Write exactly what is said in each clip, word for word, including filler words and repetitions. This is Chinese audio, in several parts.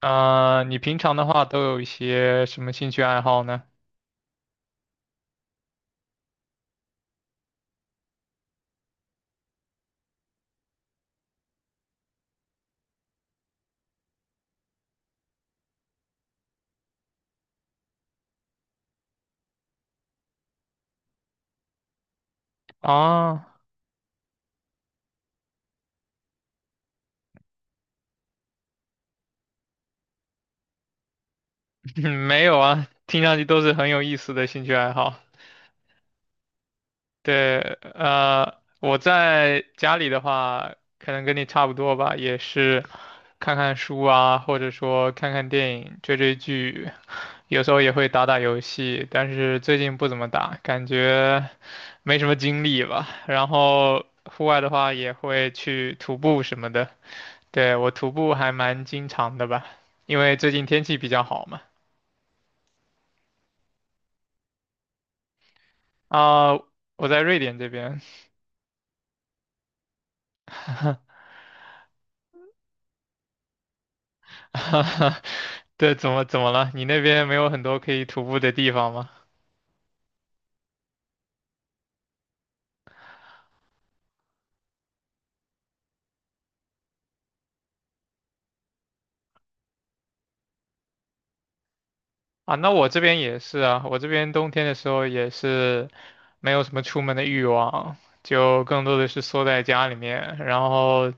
啊、你平常的话都有一些什么兴趣爱好呢？啊，没有啊，听上去都是很有意思的兴趣爱好。对，呃，我在家里的话，可能跟你差不多吧，也是看看书啊，或者说看看电影、追追剧，有时候也会打打游戏，但是最近不怎么打，感觉没什么精力吧。然后户外的话也会去徒步什么的。对，我徒步还蛮经常的吧，因为最近天气比较好嘛。啊、我在瑞典这边。对，怎么怎么了？你那边没有很多可以徒步的地方吗？啊，那我这边也是啊，我这边冬天的时候也是没有什么出门的欲望，就更多的是缩在家里面，然后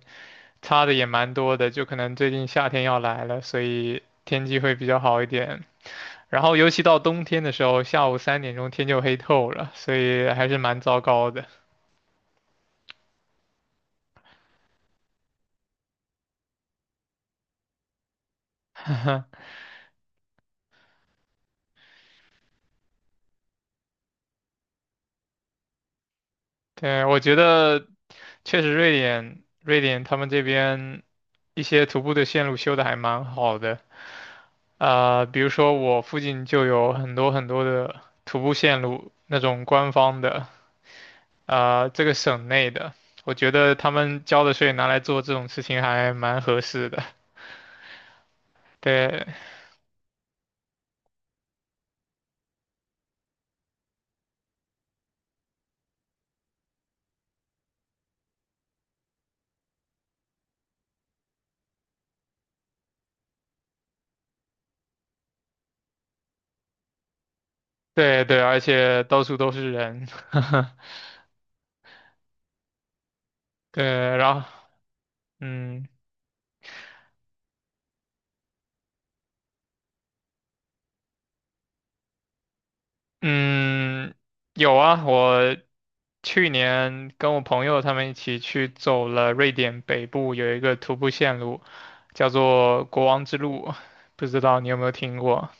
差的也蛮多的，就可能最近夏天要来了，所以天气会比较好一点，然后尤其到冬天的时候，下午三点钟天就黑透了，所以还是蛮糟糕的。对，我觉得确实瑞典，瑞典他们这边一些徒步的线路修的还蛮好的。呃，比如说我附近就有很多很多的徒步线路，那种官方的，呃，这个省内的，我觉得他们交的税拿来做这种事情还蛮合适的。对，对对，而且到处都是人。对，然后嗯嗯，有啊，我去年跟我朋友他们一起去走了瑞典北部有一个徒步线路，叫做国王之路，不知道你有没有听过？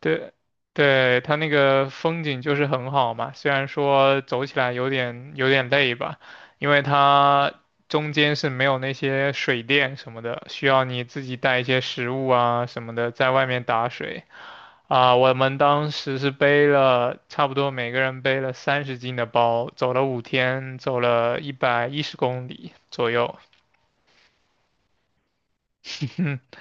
对，对，它那个风景就是很好嘛，虽然说走起来有点有点累吧，因为它中间是没有那些水电什么的，需要你自己带一些食物啊什么的，在外面打水。啊，我们当时是背了差不多每个人背了三十斤的包，走了五天，走了一百一十公里左右。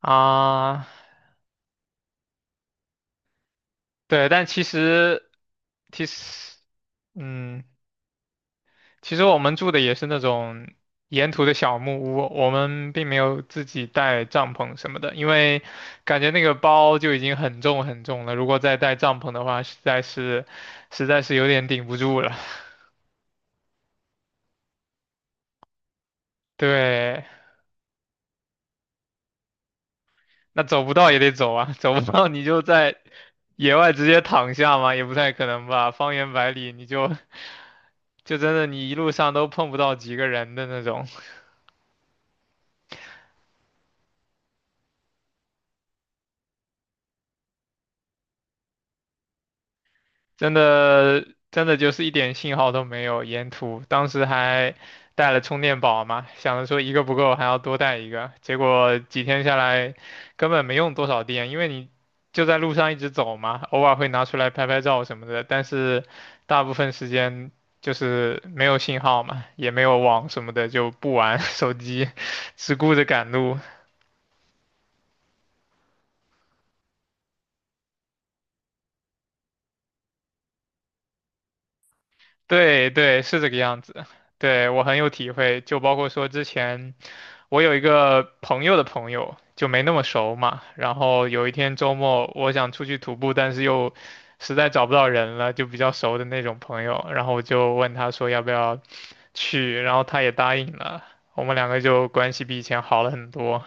啊，对，但其实其实，嗯。其实我们住的也是那种沿途的小木屋，我们并没有自己带帐篷什么的，因为感觉那个包就已经很重很重了，如果再带帐篷的话，实在是实在是有点顶不住了。对，那走不到也得走啊，走不到你就在野外直接躺下嘛，也不太可能吧，方圆百里你就 就真的你一路上都碰不到几个人的那种。真的真的就是一点信号都没有，沿途当时还带了充电宝嘛，想着说一个不够还要多带一个，结果几天下来根本没用多少电，因为你就在路上一直走嘛，偶尔会拿出来拍拍照什么的，但是大部分时间就是没有信号嘛，也没有网什么的，就不玩 手机，只顾着赶路。对对，是这个样子。对，我很有体会，就包括说之前。我有一个朋友的朋友，就没那么熟嘛。然后有一天周末，我想出去徒步，但是又实在找不到人了，就比较熟的那种朋友。然后我就问他说要不要去，然后他也答应了。我们两个就关系比以前好了很多。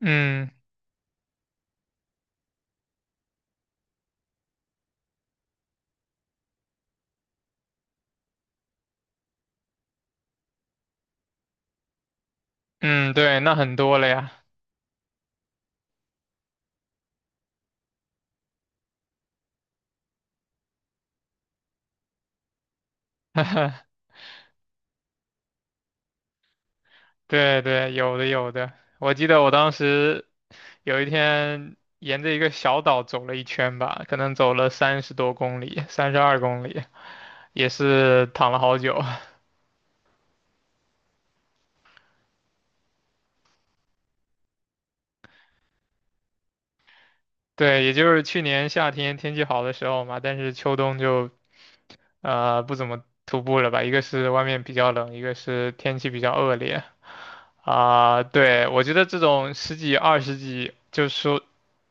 嗯嗯，对，那很多了呀。对对，有的有的。我记得我当时有一天沿着一个小岛走了一圈吧，可能走了三十多公里，三十二公里。也是躺了好久。对，也就是去年夏天天气好的时候嘛，但是秋冬就呃不怎么徒步了吧，一个是外面比较冷，一个是天气比较恶劣啊。对，我觉得这种十几二十几，就是说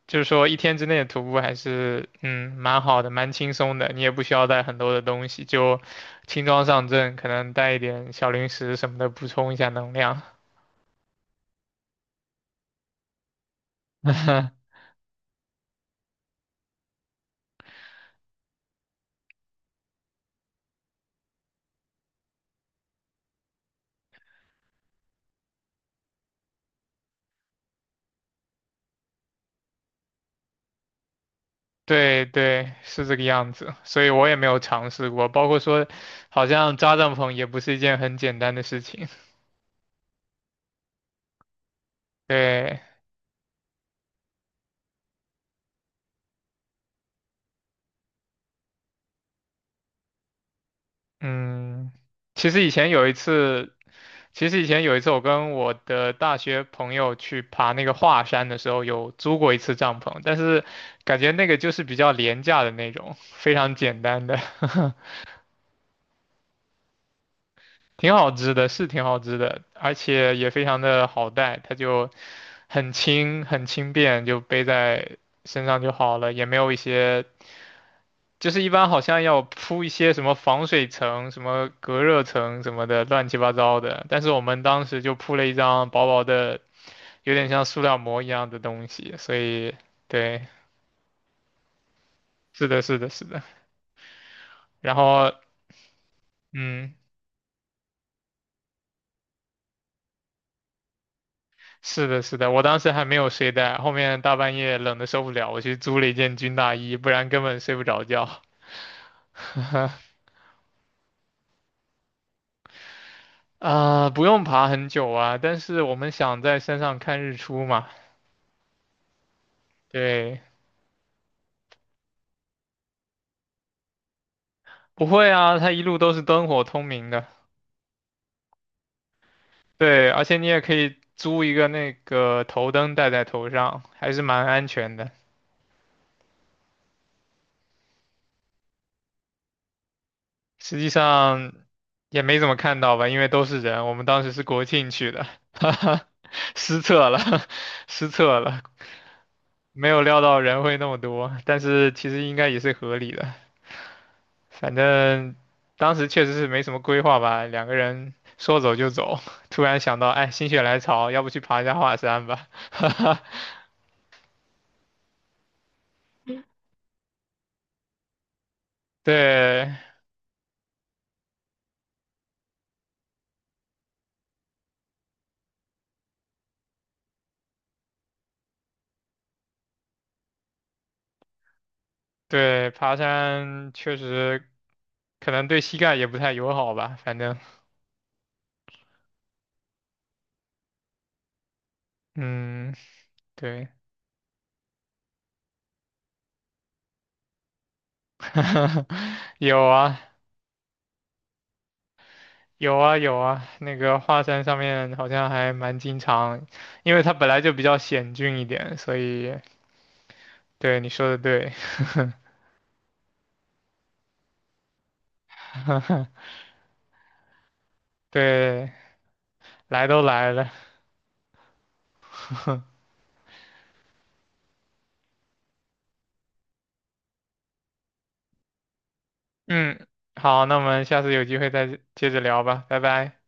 就是说一天之内的徒步还是嗯蛮好的，蛮轻松的，你也不需要带很多的东西，就轻装上阵，可能带一点小零食什么的补充一下能量。对对，是这个样子，所以我也没有尝试过，包括说，好像扎帐篷也不是一件很简单的事情。对，嗯，其实以前有一次，其实以前有一次我跟我的大学朋友去爬那个华山的时候，有租过一次帐篷，但是感觉那个就是比较廉价的那种，非常简单的。挺好织的，是挺好织的，而且也非常的好带，它就很轻很轻便，就背在身上就好了，也没有一些，就是一般好像要铺一些什么防水层、什么隔热层什么的，乱七八糟的。但是我们当时就铺了一张薄薄的，有点像塑料膜一样的东西，所以对，是的，是的，是的。然后，嗯。是的，是的，我当时还没有睡袋，后面大半夜冷的受不了，我去租了一件军大衣，不然根本睡不着觉。啊、不用爬很久啊，但是我们想在山上看日出嘛。对，不会啊，它一路都是灯火通明的。对，而且你也可以租一个那个头灯戴在头上，还是蛮安全的。实际上也没怎么看到吧，因为都是人。我们当时是国庆去的，哈哈，失策了，失策了。没有料到人会那么多，但是其实应该也是合理的。反正当时确实是没什么规划吧，两个人说走就走，突然想到，哎，心血来潮，要不去爬一下华山吧？对对，爬山确实可能对膝盖也不太友好吧。反正，嗯，对，有啊。有啊有啊，那个华山上面好像还蛮经常，因为它本来就比较险峻一点，所以对你说的对。对，来都来了，嗯，好，那我们下次有机会再接着聊吧，拜拜。